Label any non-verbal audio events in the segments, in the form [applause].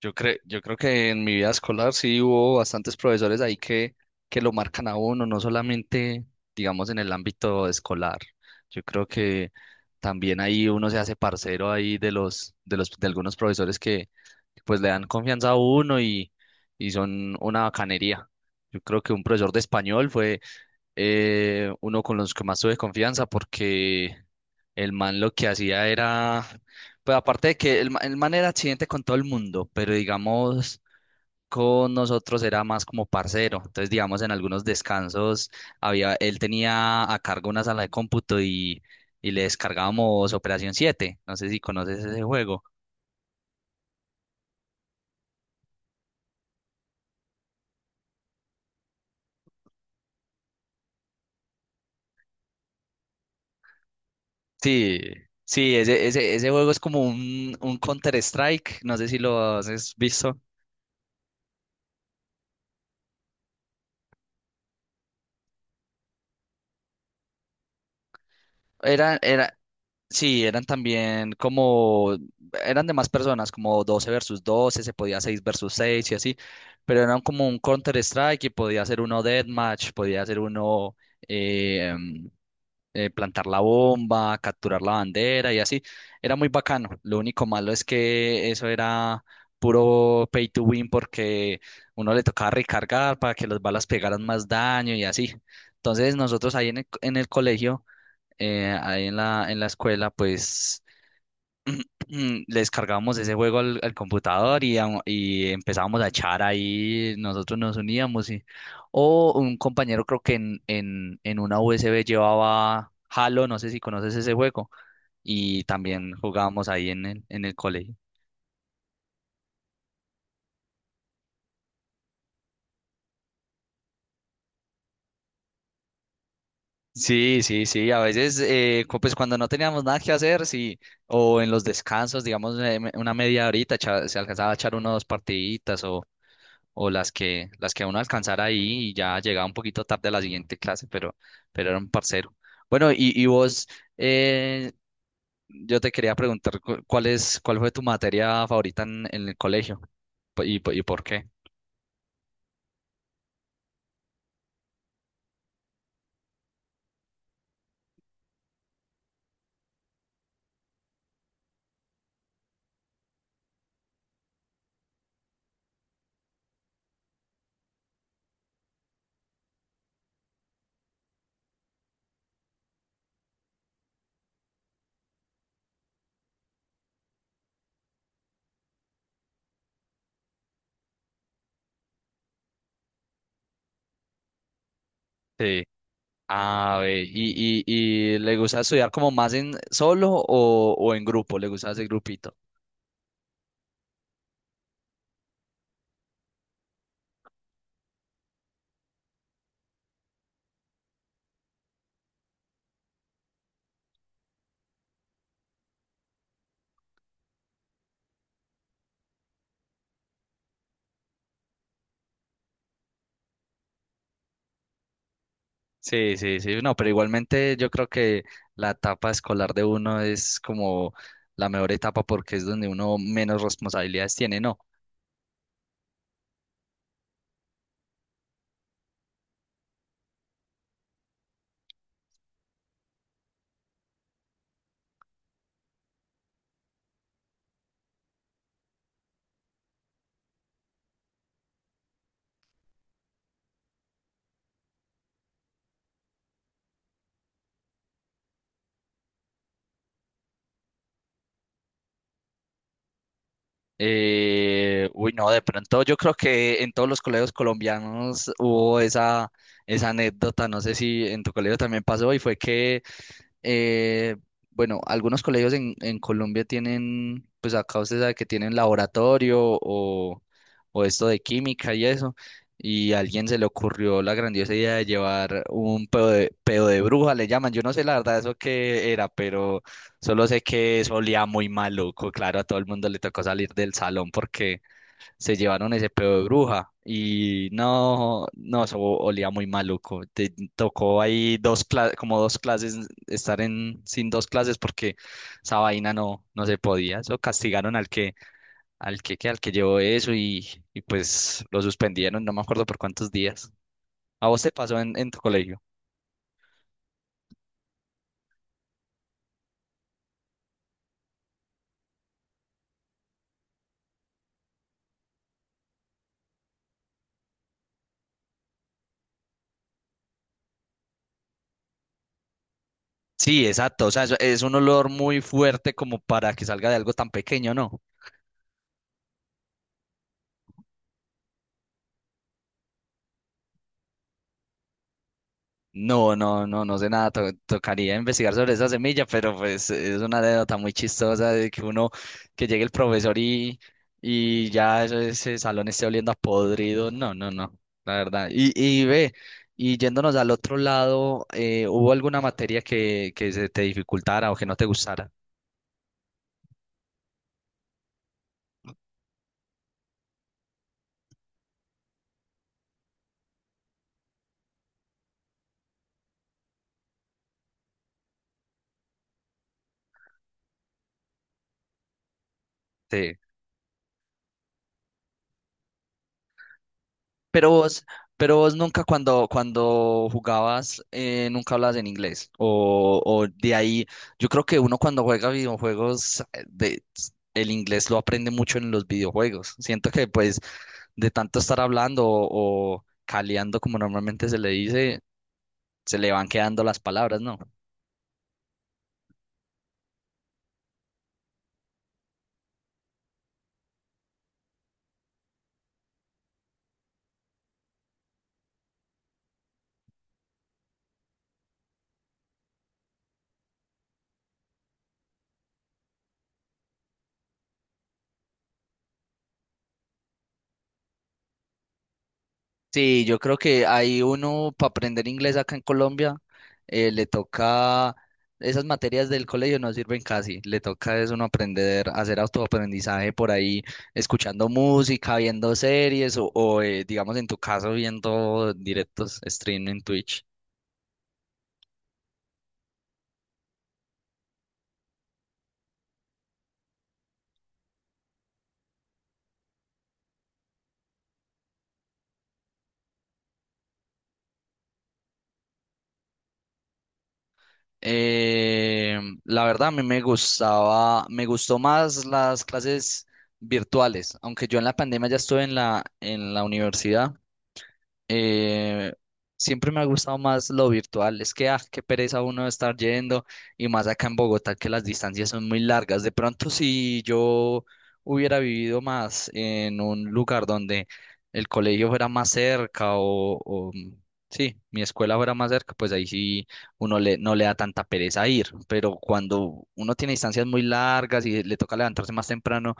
Yo creo que en mi vida escolar sí hubo bastantes profesores ahí que lo marcan a uno, no solamente, digamos, en el ámbito escolar. Yo creo que también ahí uno se hace parcero ahí de algunos profesores que pues le dan confianza a uno y son una bacanería. Yo creo que un profesor de español fue uno con los que más tuve confianza porque el man lo que hacía era, pues aparte de que el man era accidente con todo el mundo, pero digamos con nosotros era más como parcero. Entonces, digamos, en algunos descansos había, él tenía a cargo una sala de cómputo y le descargábamos Operación siete. No sé si conoces ese juego. Sí, sí, ese juego es como un Counter-Strike, no sé si lo has visto. Era, era, Sí, eran también como, eran de más personas, como 12 versus 12, se podía 6 versus 6 y así, pero eran como un Counter Strike y podía ser uno Deathmatch, podía ser uno eh, em, plantar la bomba, capturar la bandera y así. Era muy bacano. Lo único malo es que eso era puro pay to win porque uno le tocaba recargar para que las balas pegaran más daño y así. Entonces nosotros ahí en el colegio ahí en la escuela, pues le descargábamos ese juego al computador y, y empezábamos a echar ahí, nosotros nos uníamos. Y, o un compañero creo que en una USB llevaba Halo, no sé si conoces ese juego, y también jugábamos ahí en el colegio. Sí, sí, sí, a veces, pues cuando no teníamos nada que hacer, sí, o en los descansos, digamos, una media horita, se alcanzaba a echar unas dos partiditas, o las que uno alcanzara ahí y ya llegaba un poquito tarde a la siguiente clase, pero era un parcero. Bueno, y vos, eh, yo te quería preguntar cuál fue tu materia favorita en el colegio. ¿Y por qué? Sí. Ah, ve, y le gusta estudiar como más en solo o en grupo, le gusta ese grupito. Sí, sí, sí, no, pero igualmente yo creo que la etapa escolar de uno es como la mejor etapa porque es donde uno menos responsabilidades tiene, ¿no? Uy, no, de pronto yo creo que en todos los colegios colombianos hubo esa, esa anécdota, no sé si en tu colegio también pasó, y fue que eh, bueno, algunos colegios en Colombia tienen, pues acá usted sabe que tienen laboratorio o esto de química y eso, y a alguien se le ocurrió la grandiosa idea de llevar un pedo de bruja, le llaman, yo no sé la verdad eso qué era, pero solo sé que eso olía muy maluco, claro, a todo el mundo le tocó salir del salón porque se llevaron ese pedo de bruja y no, no, eso olía muy maluco. Te tocó ahí como dos clases, estar en, sin dos clases porque esa vaina no, no se podía. Eso castigaron al que, al que llevó eso y pues lo suspendieron, no me acuerdo por cuántos días. ¿A vos te pasó en tu colegio? Sí, exacto, o sea, es un olor muy fuerte como para que salga de algo tan pequeño, ¿no? No, no, no, no sé nada, tocaría investigar sobre esa semilla, pero pues es una anécdota muy chistosa de que uno, que llegue el profesor y ya ese salón esté oliendo a podrido, no, no, no, la verdad. Y ve, y yéndonos al otro lado, ¿hubo alguna materia que se te dificultara o que no te gustara? Sí. Pero vos, pero vos nunca cuando, cuando jugabas, nunca hablabas en inglés. O de ahí, yo creo que uno cuando juega videojuegos, el inglés lo aprende mucho en los videojuegos. Siento que pues de tanto estar hablando o caleando, como normalmente se le dice, se le van quedando las palabras, ¿no? Sí, yo creo que hay uno para aprender inglés acá en Colombia, le toca, esas materias del colegio no sirven casi, le toca es uno aprender, hacer autoaprendizaje por ahí, escuchando música, viendo series o, digamos en tu caso viendo directos stream en Twitch. La verdad a mí me gustaba, me gustó más las clases virtuales, aunque yo en la pandemia ya estuve en la universidad. Eh, siempre me ha gustado más lo virtual. Es que, ah, qué pereza uno estar yendo y más acá en Bogotá que las distancias son muy largas. De pronto, si yo hubiera vivido más en un lugar donde el colegio fuera más cerca o, sí, mi escuela fuera más cerca, pues ahí sí uno le, no le da tanta pereza ir. Pero cuando uno tiene distancias muy largas y le toca levantarse más temprano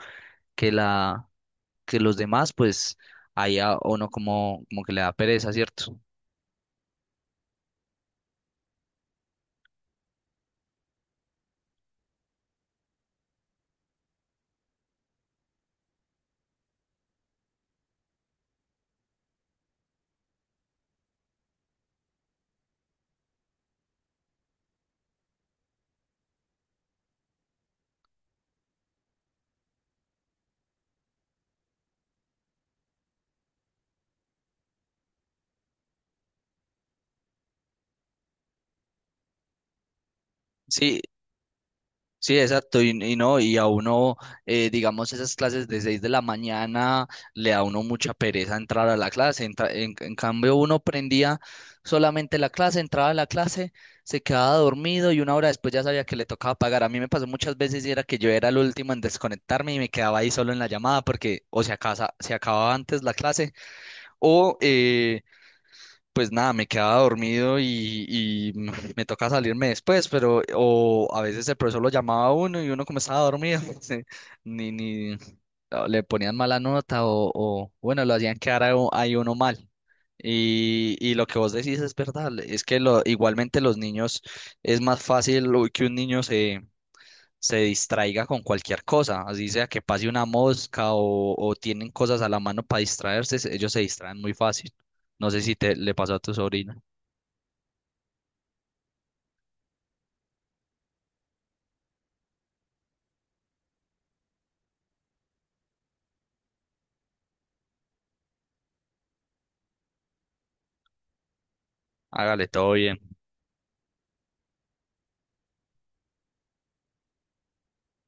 que la que los demás, pues ahí a uno como, como que le da pereza, ¿cierto? Sí, sí, exacto, y no, y a uno, digamos, esas clases de 6 de la mañana, le da a uno mucha pereza entrar a la clase, en cambio uno prendía solamente la clase, entraba a la clase, se quedaba dormido y una hora después ya sabía que le tocaba pagar. A mí me pasó muchas veces y era que yo era el último en desconectarme y me quedaba ahí solo en la llamada porque o se acababa antes la clase o... pues nada, me quedaba dormido y, me toca salirme después, pero o a veces el profesor lo llamaba a uno y uno como estaba dormido, [laughs] se- ni, ni o le ponían mala nota o, bueno, lo hacían quedar a ahí uno mal. Y lo que vos decís es verdad, es que lo, igualmente los niños es más fácil uy, que un niño se distraiga con cualquier cosa, así sea que pase una mosca o tienen cosas a la mano para distraerse, ellos se distraen muy fácil. No sé si te le pasó a tu sobrina. Hágale todo bien.